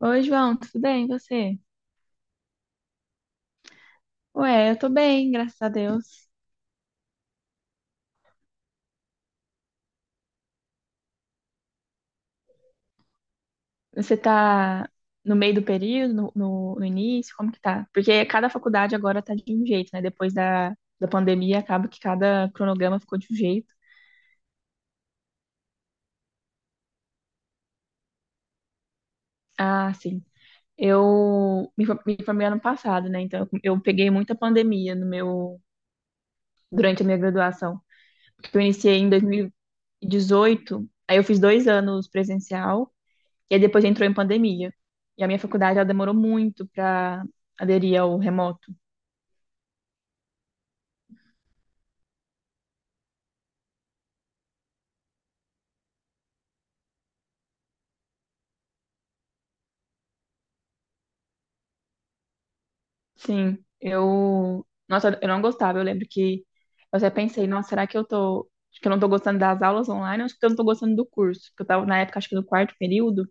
Oi, João, tudo bem? E você? Ué, eu tô bem, graças a Deus. Você tá no meio do período, no início? Como que tá? Porque cada faculdade agora tá de um jeito, né? Depois da pandemia, acaba que cada cronograma ficou de um jeito. Ah, sim. Me formei ano passado, né? Então eu peguei muita pandemia no meu, durante a minha graduação. Porque eu iniciei em 2018, aí eu fiz 2 anos presencial. E aí depois entrou em pandemia. E a minha faculdade, ela demorou muito para aderir ao remoto. Sim, eu... Nossa, eu não gostava. Eu lembro que eu até pensei, nossa, será que eu tô... Que eu não tô gostando das aulas online, ou acho que eu não tô gostando do curso. Porque eu tava, na época, acho que no quarto período.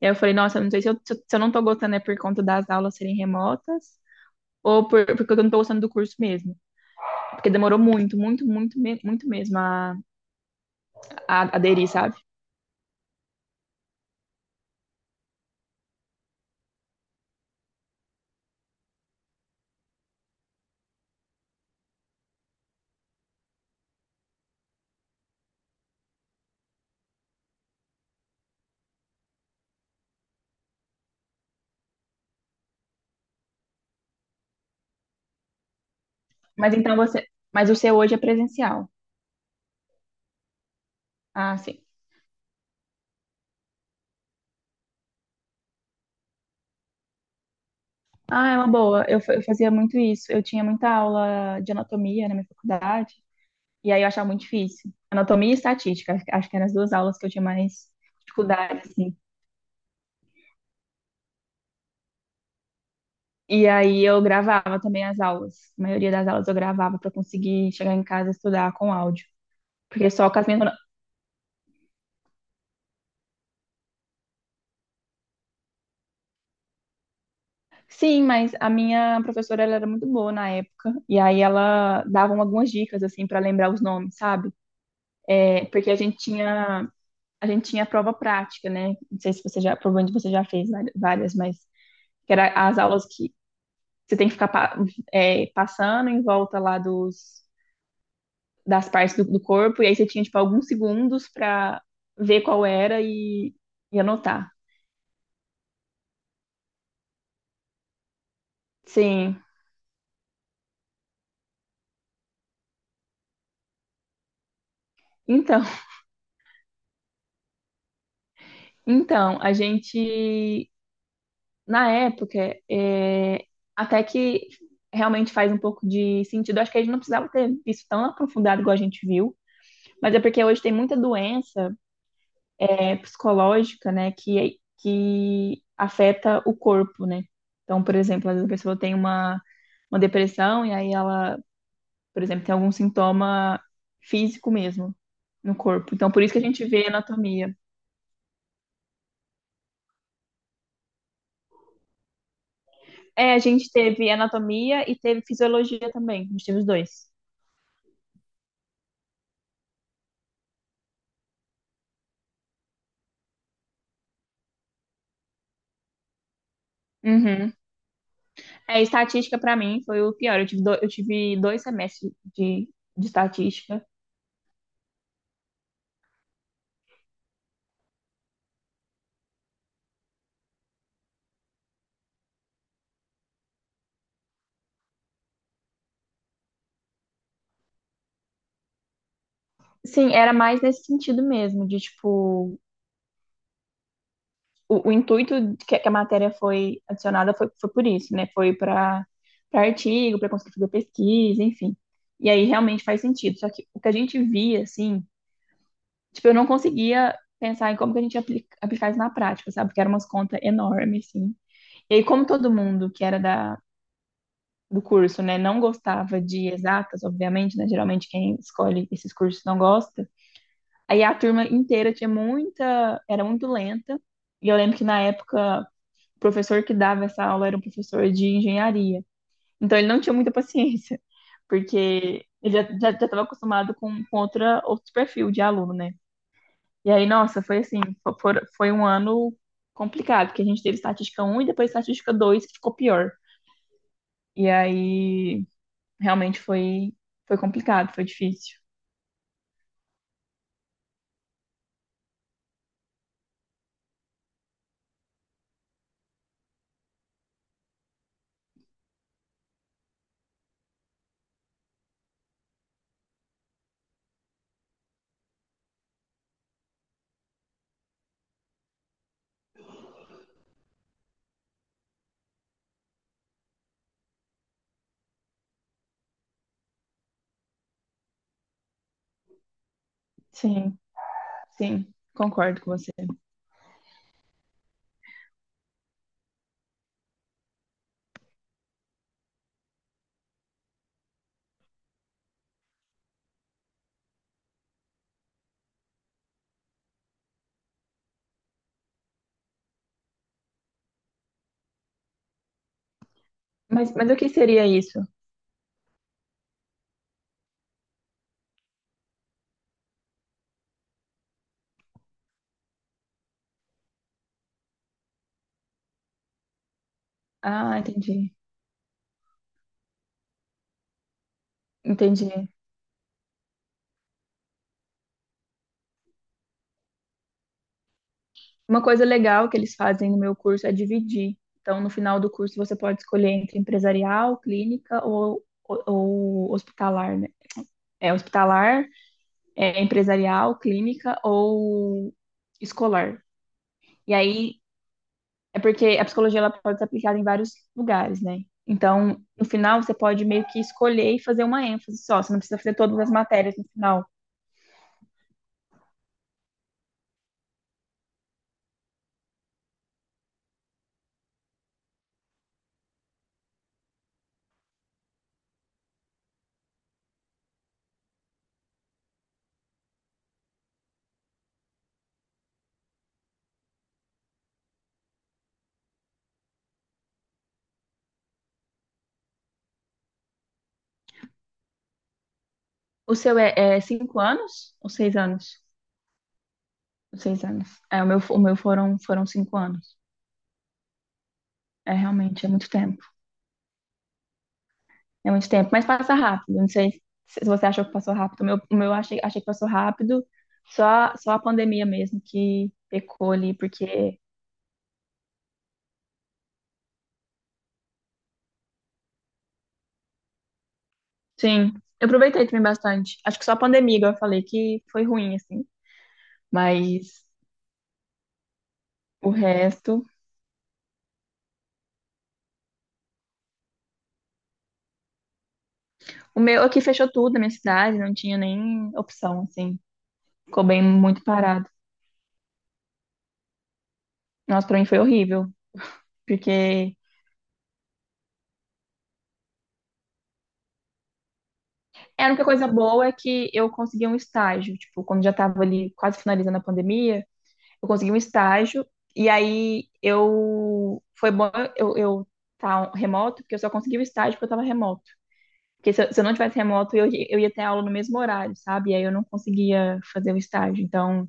E aí eu falei, nossa, eu não sei se eu não tô gostando é por conta das aulas serem remotas, ou porque eu não tô gostando do curso mesmo. Porque demorou muito, muito, muito mesmo a aderir, sabe? Mas então você... Mas o seu hoje é presencial. Ah, sim. Ah, é uma boa. Eu fazia muito isso. Eu tinha muita aula de anatomia na minha faculdade, e aí eu achava muito difícil. Anatomia e estatística, acho que eram as duas aulas que eu tinha mais dificuldade, assim. E aí eu gravava também as aulas. A maioria das aulas eu gravava para conseguir chegar em casa e estudar com áudio. Porque só com as minhas... Sim, mas a minha professora ela era muito boa na época, e aí ela dava algumas dicas assim para lembrar os nomes, sabe? É, porque a gente tinha a prova prática, né? Não sei se você já, provavelmente você já fez várias, mas que era as aulas que você tem que ficar pa- é, passando em volta lá das partes do corpo, e aí você tinha, tipo, alguns segundos para ver qual era e anotar. Sim. Então, então, a gente, na época, é, até que realmente faz um pouco de sentido, acho que a gente não precisava ter visto tão aprofundado igual a gente viu, mas é porque hoje tem muita doença é, psicológica, né, que afeta o corpo, né? Então, por exemplo, às vezes a pessoa tem uma depressão e aí ela, por exemplo, tem algum sintoma físico mesmo no corpo. Então, por isso que a gente vê anatomia. É, a gente teve anatomia e teve fisiologia também. A gente teve os dois. Uhum. É, estatística para mim foi o pior. Eu tive dois semestres de estatística. Sim, era mais nesse sentido mesmo, de tipo, o intuito que a matéria foi adicionada foi, foi por isso, né? Foi para artigo, para conseguir fazer pesquisa, enfim. E aí realmente faz sentido. Só que o que a gente via, assim, tipo, eu não conseguia pensar em como que a gente aplicar isso na prática, sabe? Porque eram umas contas enormes, assim. E aí, como todo mundo que era do curso, né, não gostava de exatas, obviamente, né? Geralmente quem escolhe esses cursos não gosta. Aí a turma inteira tinha muita, era muito lenta. E eu lembro que na época o professor que dava essa aula era um professor de engenharia. Então ele não tinha muita paciência, porque ele já estava acostumado com outra, outro perfil de aluno, né? E aí, nossa, foi assim, foi um ano complicado, porque a gente teve estatística um e depois estatística 2 que ficou pior. E aí, realmente foi, foi complicado, foi difícil. Sim, sim, concordo com você. Mas o que seria isso? Ah, entendi, entendi. Uma coisa legal que eles fazem no meu curso é dividir. Então, no final do curso, você pode escolher entre empresarial, clínica ou hospitalar, né? É hospitalar, é empresarial, clínica ou escolar. E aí, é porque a psicologia ela pode ser aplicada em vários lugares, né? Então, no final, você pode meio que escolher e fazer uma ênfase só. Você não precisa fazer todas as matérias no final. O seu é, é 5 anos ou 6 anos? 6 anos. É, o meu foram, foram 5 anos. É realmente, é muito tempo. É muito tempo, mas passa rápido. Não sei se você achou que passou rápido. O meu eu achei, achei que passou rápido. Só a pandemia mesmo que pecou ali, porque. Sim, eu aproveitei também bastante. Acho que só a pandemia, igual eu falei, que foi ruim, assim. Mas o resto. O meu aqui fechou tudo na minha cidade, não tinha nem opção, assim. Ficou bem muito parado. Nossa, pra mim foi horrível, porque. É, a única coisa boa é que eu consegui um estágio, tipo, quando já tava ali quase finalizando a pandemia. Eu consegui um estágio, e aí eu. Foi bom eu tá remoto, porque eu só consegui o estágio porque eu tava remoto. Porque se eu não tivesse remoto, eu ia ter aula no mesmo horário, sabe? E aí eu não conseguia fazer o estágio. Então,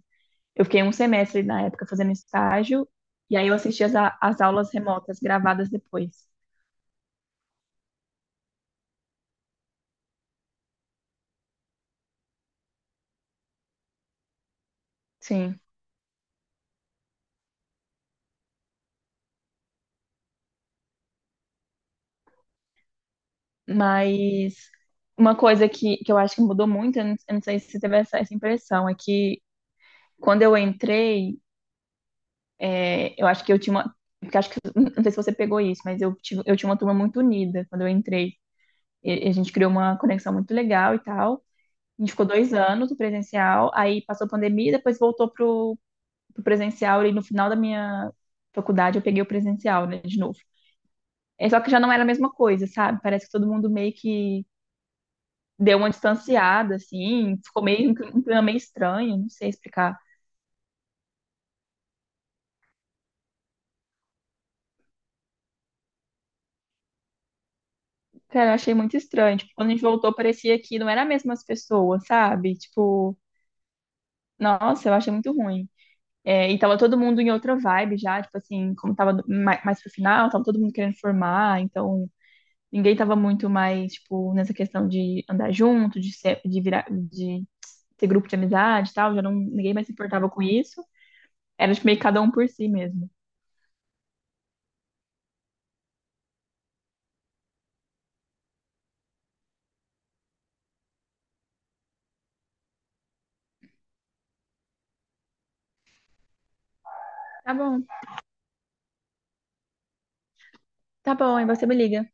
eu fiquei um semestre na época fazendo estágio, e aí eu assisti as aulas remotas gravadas depois. Sim. Mas uma coisa que eu acho que mudou muito, eu não sei se você teve essa impressão, é que quando eu entrei, é, eu acho que eu tinha uma. Porque acho que, não sei se você pegou isso, mas eu tinha uma turma muito unida quando eu entrei. E a gente criou uma conexão muito legal e tal. A gente ficou 2 anos no presencial, aí passou a pandemia, depois voltou pro presencial e no final da minha faculdade eu peguei o presencial, né, de novo. É só que já não era a mesma coisa, sabe? Parece que todo mundo meio que deu uma distanciada, assim, ficou meio um clima meio estranho, não sei explicar. Cara, eu achei muito estranho. Tipo, quando a gente voltou, parecia que não eram as mesmas pessoas, sabe? Tipo, nossa, eu achei muito ruim. É, e tava todo mundo em outra vibe já, tipo assim, como tava mais pro final, tava todo mundo querendo formar, então ninguém tava muito mais, tipo, nessa questão de andar junto, de ser, de virar, de ser grupo de amizade e tal, já não, ninguém mais se importava com isso. Era, tipo, meio que cada um por si mesmo. Tá bom, tá bom, aí você me liga.